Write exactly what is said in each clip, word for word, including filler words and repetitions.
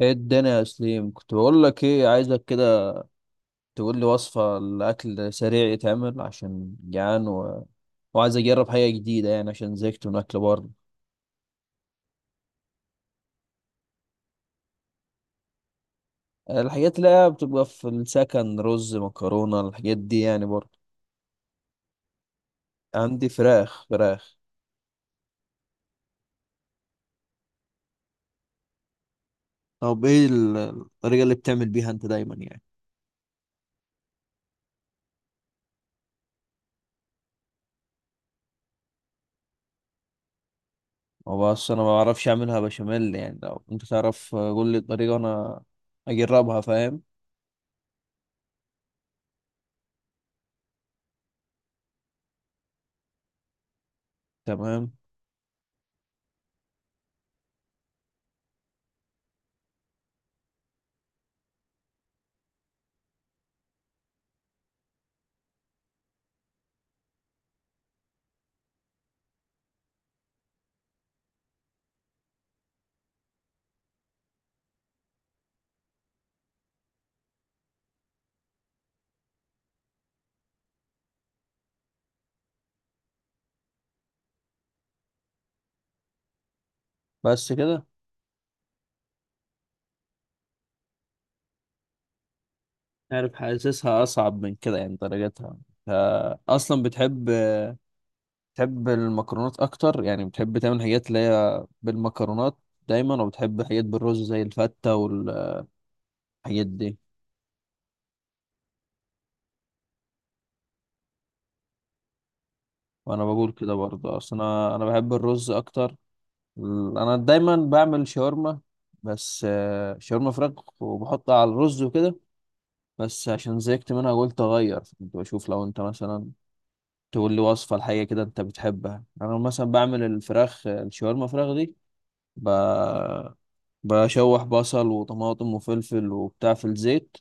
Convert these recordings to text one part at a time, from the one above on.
ايه الدنيا يا سليم، كنت بقول لك ايه عايزك كده تقول لي وصفة لأكل سريع يتعمل عشان جعان و... وعايز اجرب حاجة جديدة يعني عشان زهقت من اكل بره. الحاجات اللي هي بتبقى في السكن رز مكرونة الحاجات دي يعني برضه. عندي فراخ فراخ. طب ايه ال- الطريقة اللي بتعمل بيها انت دايما يعني. هو بس انا ما بعرفش اعملها بشاميل، يعني لو انت تعرف قول لي الطريقة انا اجربها، فاهم. تمام. بس كده. عارف حاسسها اصعب من كده يعني درجتها. ف- اصلا بتحب بتحب المكرونات اكتر، يعني بتحب تعمل حاجات اللي هي بالمكرونات دايما، وبتحب حاجات بالرز زي الفتة والحاجات دي. وانا بقول كده برضه، اصلا انا انا بحب الرز اكتر. ال- انا دايما بعمل شاورما، بس آه، شاورما فراخ وبحطها على الرز وكده. بس عشان زهقت منها قلت اغير، كنت بشوف لو انت مثلا تقول لي وصفة لحاجة كده انت بتحبها. انا مثلا بعمل الفراخ، الشاورما فراخ دي، ب... بشوح بصل وطماطم وفلفل وبتاع في الزيت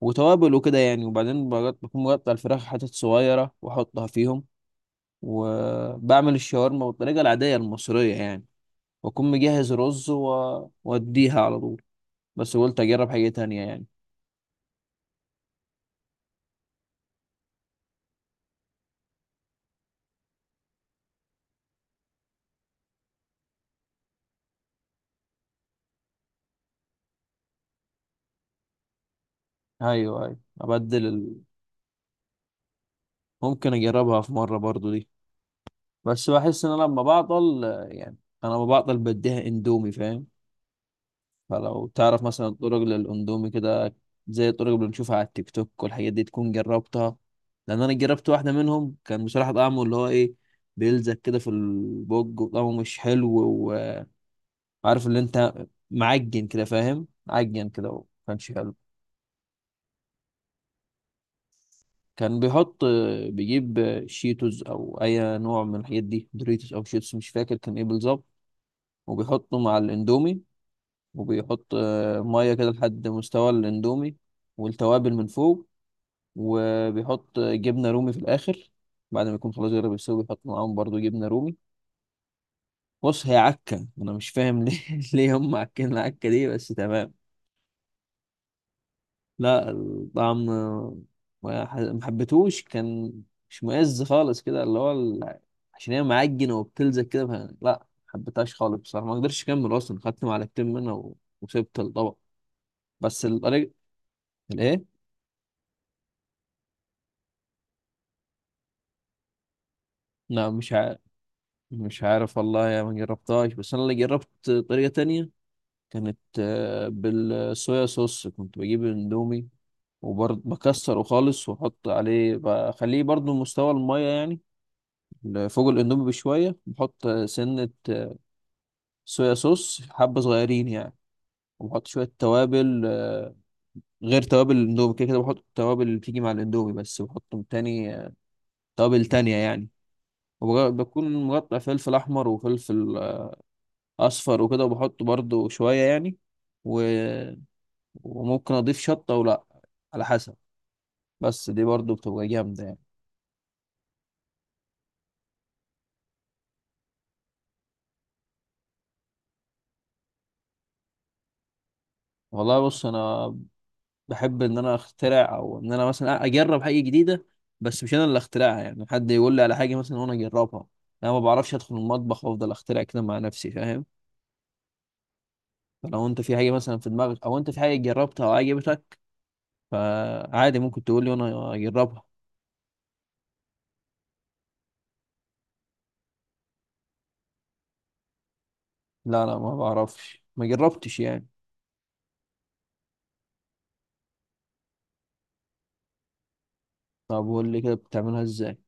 وتوابل وكده يعني، وبعدين بقط- بكون مقطع الفراخ حتت صغيرة وأحطها فيهم، وبعمل الشاورما بالطريقة العادية المصرية يعني، وأكون مجهز رز و- وأديها على طول. بس قلت أجرب حاجة تانية يعني. أيوه أيوه، أبدل ال... ممكن أجربها في مرة برضو دي، بس بحس إن أنا لما بعطل يعني، أنا لما بعطل بديها إندومي، فاهم. فلو تعرف مثلا الطرق للاندومي كده، زي الطرق اللي بنشوفها على التيك توك والحاجات دي، تكون جربتها. لان انا جربت واحده منهم كان بصراحه طعمه اللي هو ايه، بيلزق كده في البوج وطعمه مش حلو. وعارف اللي انت معجن كده، فاهم، معجن كده وما كانش حلو. كان بيحط، بيجيب شيتوز او اي نوع من الحاجات دي، دوريتوس او شيتوس، مش فاكر كان ايه بالظبط، وبيحطه مع الاندومي، وبيحط آه، ميه كده لحد مستوى الاندومي، والتوابل من فوق، وبيحط جبنه رومي في الاخر، بعد ما يكون خلاص جرب يسوي بيحط معاهم برضو جبنه رومي. بص هي عكه، انا مش فاهم ليه ليه هم عكين العكه دي، بس تمام. لا الطعم ما ح- ما حبيتهوش، كان مش مؤز خالص كده، اللي هو ال- عشان هي معجنه وبتلزق كده، ف- لا ما حبيتهاش خالص بصراحه، ما قدرتش اكمل اصلا، خدت معلقتين منها و- وسبت الطبق، بس الطريقه. الايه. لا مش عارف. مش عارف والله، يا ما جربتهاش، بس انا اللي جربت طريقه تانية كانت آه، بالصويا صوص. كنت بجيب اندومي وبرضه بكسره خالص واحط عليه، بخليه برضه مستوى المية يعني فوق الاندومي بشوية، بحط سنة آه، صويا صوص حبة صغيرين يعني، وبحط شوية توابل آه، غير توابل الاندومي. كده كده بحط التوابل اللي بتيجي مع الاندومي، بس بحط تاني آه، توابل تانية يعني. وبج- بكون مقطع فلفل أحمر وفلفل آه، أصفر وكده، وبحط برضه شوية يعني و... وممكن أضيف شطة أو لأ على حسب. بس دي برضو بتبقى جامدة يعني. والله بص أنا بحب إن أنا أخترع، أو إن أنا مثلا أجرب حاجة جديدة، بس مش أنا اللي أخترعها يعني، حد يقول لي على حاجة مثلا وأنا أجربها. أنا ما بعرفش أدخل المطبخ وأفضل أخترع كده مع نفسي، فاهم. فلو أنت في حاجة مثلا في دماغك، أو أنت في حاجة جربتها وعجبتك، فعادي ممكن تقول لي وأنا أجربها. لا لا ما بعرفش، ما جربتش يعني. طب قول لي كده بتعملها إزاي.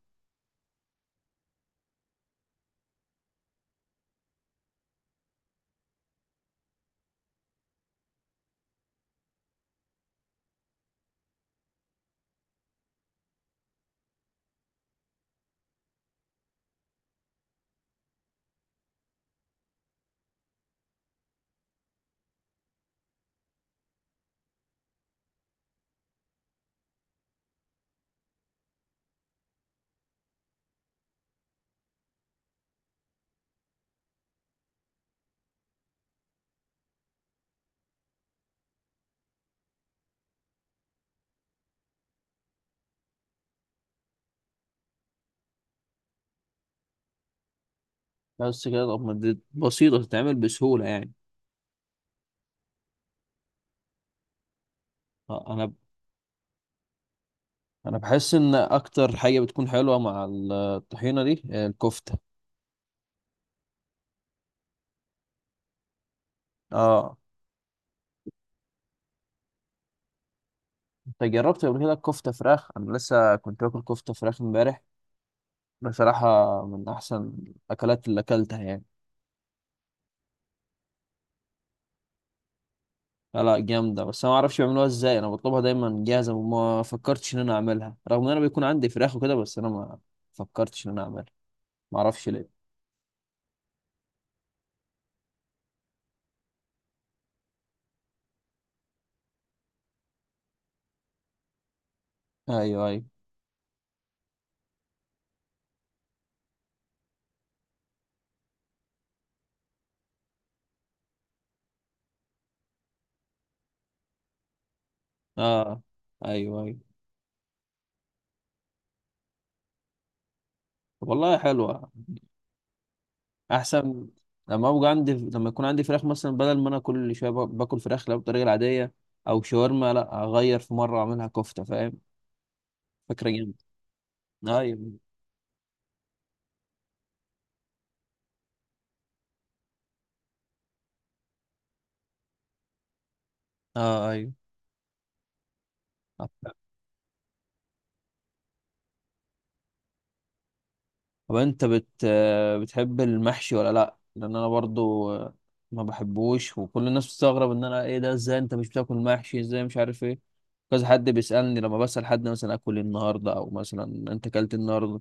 بس كده؟ طب ما دي بسيطة تتعمل بسهولة يعني. أنا انا بحس ان اكتر حاجه بتكون حلوه مع الطحينه دي الكفته. اه. انت جربت قبل كده الكفته فراخ؟ انا لسه كنت باكل كفته فراخ امبارح بصراحه، من احسن الاكلات اللي اكلتها يعني. لا لا جامده، بس انا ما اعرفش بيعملوها ازاي، انا بطلبها دايما جاهزه وما فكرتش ان انا اعملها، رغم ان انا بيكون عندي فراخ وكده، بس انا ما فكرتش ان انا اعملها، ما اعرفش ليه. ايوه ايوه. اه ايوه ايوه. طب والله حلوه. احسن لما ابقى عندي، لما يكون عندي فراخ مثلا، بدل ما انا كل شويه با- باكل فراخ لا بالطريقه العاديه او شاورما، لا اغير في مره اعملها كفته، فاهم. فكره جامده. ايوه. اه ايوه. طب انت بت آه، بتحب المحشي ولا لا؟ لان انا برضو آه، ما بحبوش، وكل الناس بتستغرب ان انا ايه ده، ازاي انت مش بتاكل محشي، ازاي مش عارف ايه. كذا حد بيسالني لما بسال حد مثلا اكل إيه النهارده، او مثلا انت اكلت إيه النهارده،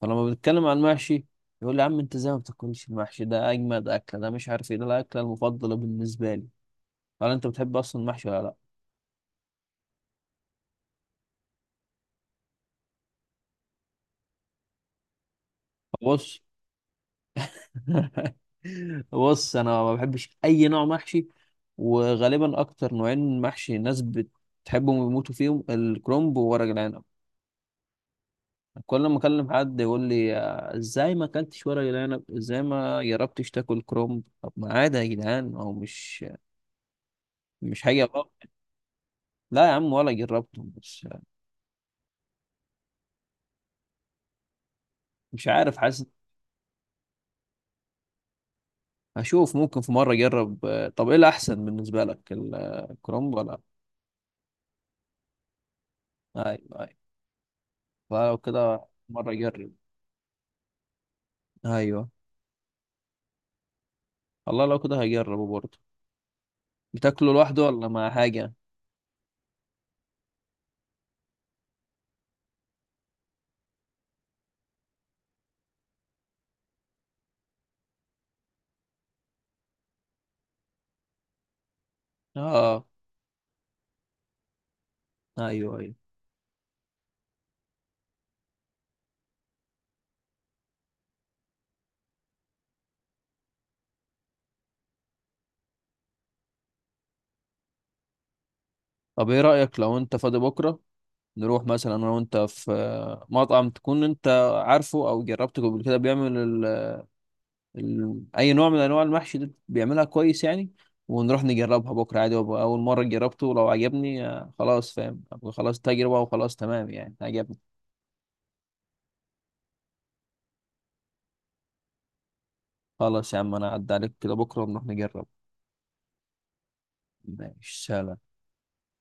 فلما بنتكلم عن المحشي يقول لي يا عم انت ازاي ما بتاكلش المحشي، ده اجمد اكله، ده مش عارف ايه، ده الاكله المفضله بالنسبه لي. قال انت بتحب اصلا المحشي ولا لا. بص بص انا ما بحبش اي نوع محشي، وغالبا اكتر نوعين محشي الناس بتحبهم ويموتوا فيهم الكرنب وورق العنب. كل ما اكلم حد يقول لي آه، ازاي ما اكلتش ورق العنب، ازاي ما جربتش تاكل كرنب. طب ما عادي يا جدعان، هو مش مش حاجه غلط. لا يا عم ولا جربتهم بس. مش عارف حاسس. هشوف ممكن في مرة أجرب. آه، طب إيه الأحسن بالنسبة لك، ال- آه، الكرومب ولا؟ أيوه أيوه. فلو كده مرة أجرب. أيوه. والله لو كده هجربه برضه. بتاكله لوحده ولا مع حاجة؟ آه. أيوه أيوه. طب إيه رأيك لو أنت فاضي بكرة نروح مثلا أنا وأنت في آه، مطعم تكون أنت عارفه أو جربته قبل كده، بيعمل ال- اي نوع من انواع المحشي ده، بيعملها كويس يعني، ونروح نجربها بكره عادي، وأبقى اول مره جربته ولو عجبني آه، خلاص، فاهم، أبقى خلاص تجربه وخلاص، تمام يعني عجبني. خلاص يا عم، انا اعدي عليك كده بكره ونروح نجرب. ماشي سلام.